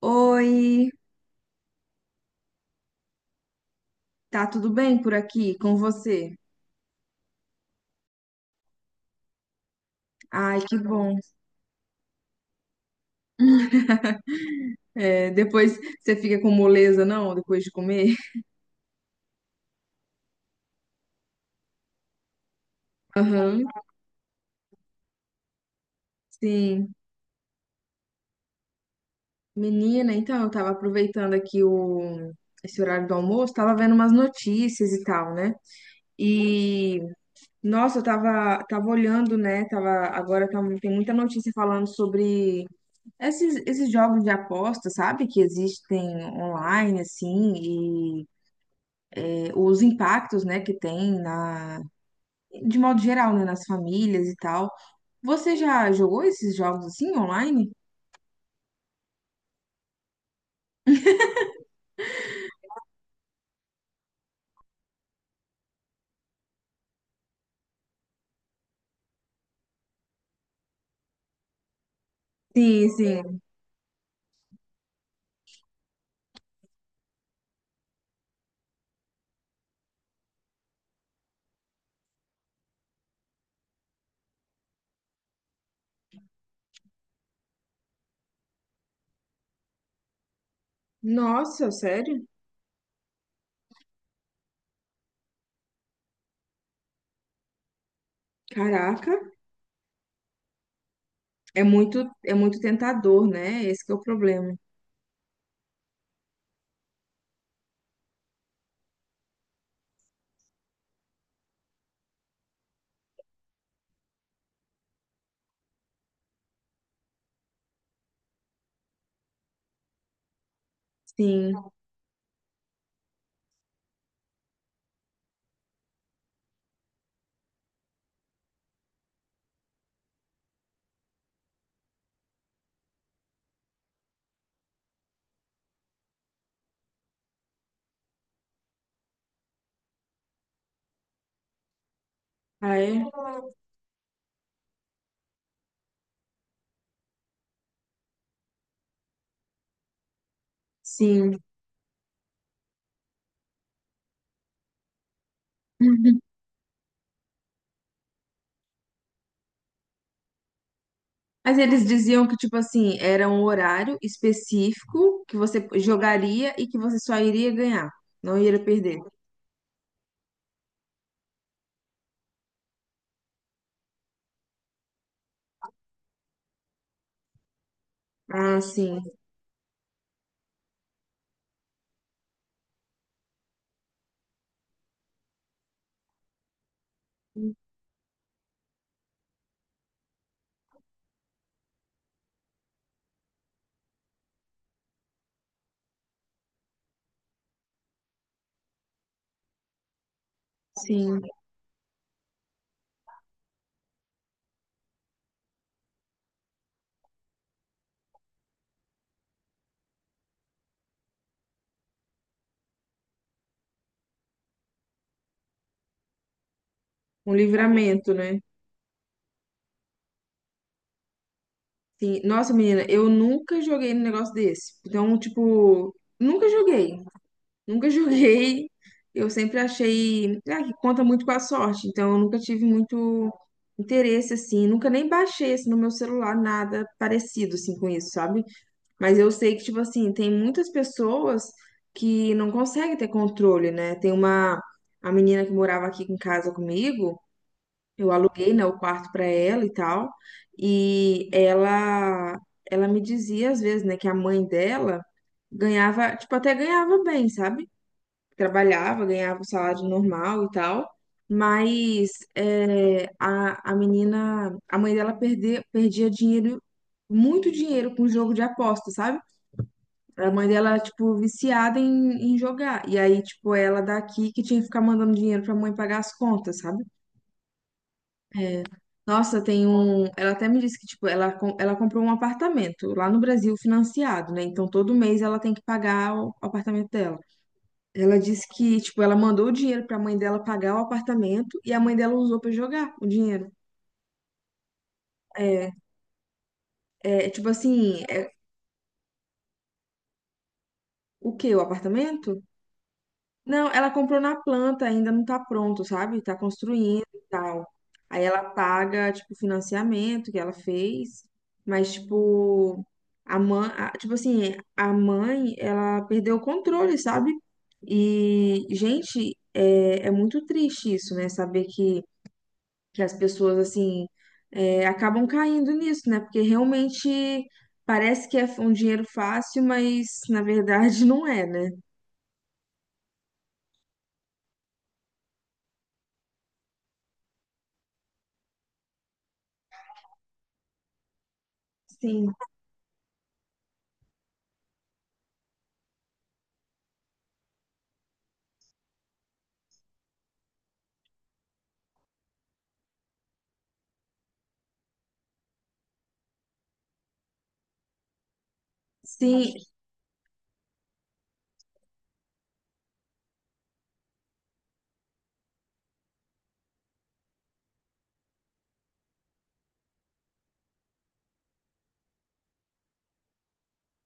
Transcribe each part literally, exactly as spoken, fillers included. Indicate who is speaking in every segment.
Speaker 1: Oi, tá tudo bem por aqui com você? Ai, que bom. É, depois você fica com moleza, não? Depois de comer? Aham, sim. Menina, então eu tava aproveitando aqui o, esse horário do almoço, tava vendo umas notícias e tal, né? E, nossa, eu tava, tava olhando, né? Tava, agora tá- tem muita notícia falando sobre esses, esses jogos de aposta, sabe? Que existem online, assim, os impactos, né, que tem na, de modo geral, né, nas famílias e tal. Você já jogou esses jogos assim online? Sim, sim. Nossa, sério? Caraca, é muito, é muito tentador, né? Esse que é o problema. Sim. Ah, é? Sim. Mas eles diziam que, tipo assim, era um horário específico que você jogaria e que você só iria ganhar, não iria perder. Ah, sim, sim. Um livramento, né? Sim. Nossa, menina, eu nunca joguei num negócio desse. Então, tipo, nunca joguei. Nunca joguei. Eu sempre achei, ah, que conta muito com a sorte. Então, eu nunca tive muito interesse, assim. Nunca nem baixei, assim, no meu celular nada parecido, assim, com isso, sabe? Mas eu sei que, tipo assim, tem muitas pessoas que não conseguem ter controle, né? Tem uma... A menina que morava aqui em casa comigo, eu aluguei, né, o quarto para ela e tal, e ela ela me dizia às vezes, né, que a mãe dela ganhava, tipo, até ganhava bem, sabe? Trabalhava, ganhava o salário normal e tal, mas é, a, a menina, a mãe dela perder, perdia dinheiro, muito dinheiro com jogo de aposta, sabe? A mãe dela, tipo, viciada em, em jogar. E aí, tipo, ela daqui que tinha que ficar mandando dinheiro pra mãe pagar as contas, sabe? É. Nossa, tem um. Ela até me disse que, tipo, ela, com- ela comprou um apartamento lá no Brasil financiado, né? Então todo mês ela tem que pagar o apartamento dela. Ela disse que, tipo, ela mandou o dinheiro pra mãe dela pagar o apartamento e a mãe dela usou pra jogar o dinheiro. É, é tipo assim, é, o quê? O apartamento? Não, ela comprou na planta, ainda não tá pronto, sabe? Tá construindo e tal. Aí ela paga, tipo, o financiamento que ela fez, mas, tipo, a mãe, a- tipo assim, a mãe, ela perdeu o controle, sabe? E, gente, é, é muito triste isso, né? Saber que, que as pessoas, assim, é, acabam caindo nisso, né? Porque realmente parece que é um dinheiro fácil, mas, na verdade, não é, né? Sim. Sim,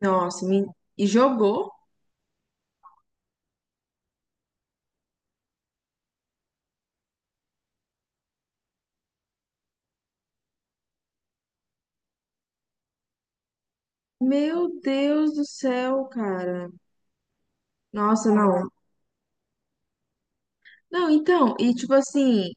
Speaker 1: nossa, me- e jogou? Meu Deus do céu, cara. Nossa, não. Não, então, e tipo assim,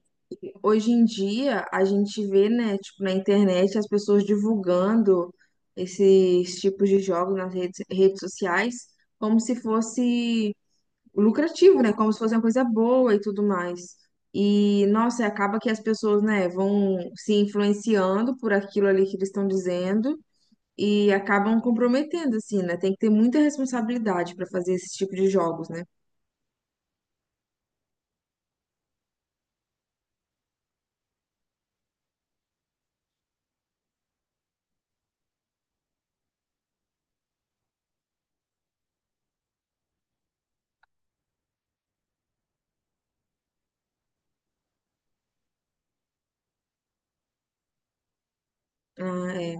Speaker 1: hoje em dia a gente vê, né, tipo, na internet as pessoas divulgando esses tipos de jogos nas redes, redes sociais como se fosse lucrativo, né? Como se fosse uma coisa boa e tudo mais. E, nossa, acaba que as pessoas, né, vão se influenciando por aquilo ali que eles estão dizendo e acabam comprometendo, assim, né? Tem que ter muita responsabilidade para fazer esse tipo de jogos, né? Ah, é.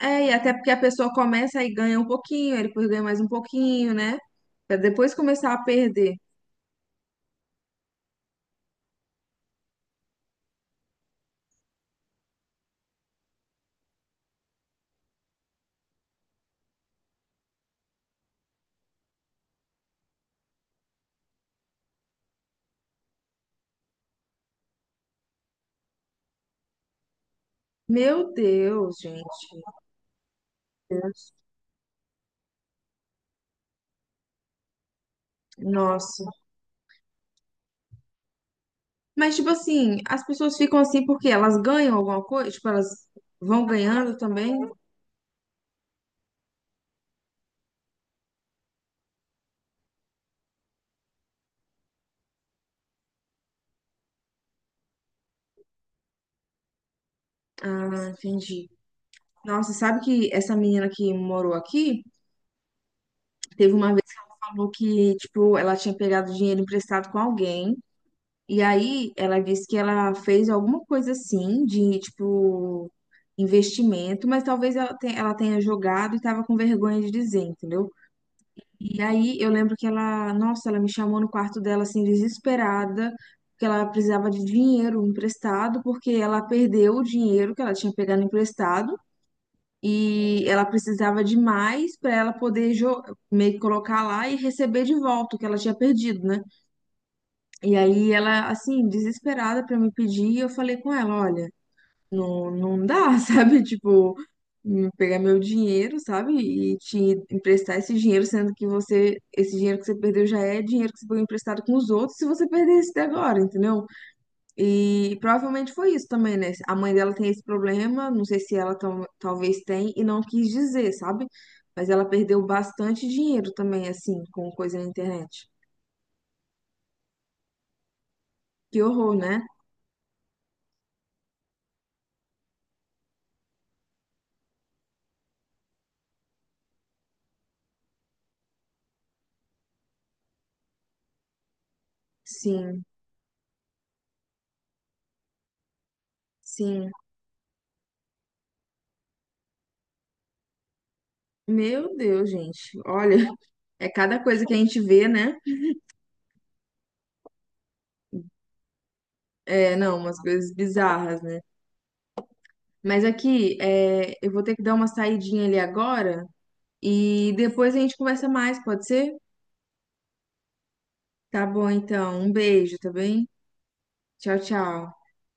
Speaker 1: É, e até porque a pessoa começa e ganha um pouquinho, aí depois ganha mais um pouquinho, né? Pra depois começar a perder. Meu Deus, gente. Meu Deus. Nossa. Mas, tipo assim, as pessoas ficam assim porque elas ganham alguma coisa, tipo, elas vão ganhando também. Ah, entendi. Nossa, sabe que essa menina que morou aqui? Teve uma vez que ela falou que, tipo, ela tinha pegado dinheiro emprestado com alguém. E aí ela disse que ela fez alguma coisa assim de, tipo, investimento, mas talvez ela tenha, ela tenha jogado e tava com vergonha de dizer, entendeu? E aí eu lembro que ela, nossa, ela me chamou no quarto dela assim, desesperada, porque ela precisava de dinheiro emprestado, porque ela perdeu o dinheiro que ela tinha pegado emprestado e ela precisava de mais para ela poder jo- meio que colocar lá e receber de volta o que ela tinha perdido, né? E aí ela, assim, desesperada para me pedir, eu falei com ela, olha, não, não dá, sabe? Tipo, hum, pegar meu dinheiro, sabe? E te emprestar esse dinheiro, sendo que você, esse dinheiro que você perdeu já é dinheiro que você pegou emprestado com os outros, se você perder esse agora, entendeu? E provavelmente foi isso também, né? A mãe dela tem esse problema, não sei se ela tam- talvez tem e não quis dizer, sabe? Mas ela perdeu bastante dinheiro também, assim, com coisa na internet. Que horror, né? Sim, sim. Meu Deus, gente. Olha, é cada coisa que a gente vê, né? É, não, umas coisas bizarras, né? Mas aqui, é, eu vou ter que dar uma saidinha ali agora e depois a gente conversa mais, pode ser? Tá bom, então. Um beijo, tá bem? Tchau, tchau.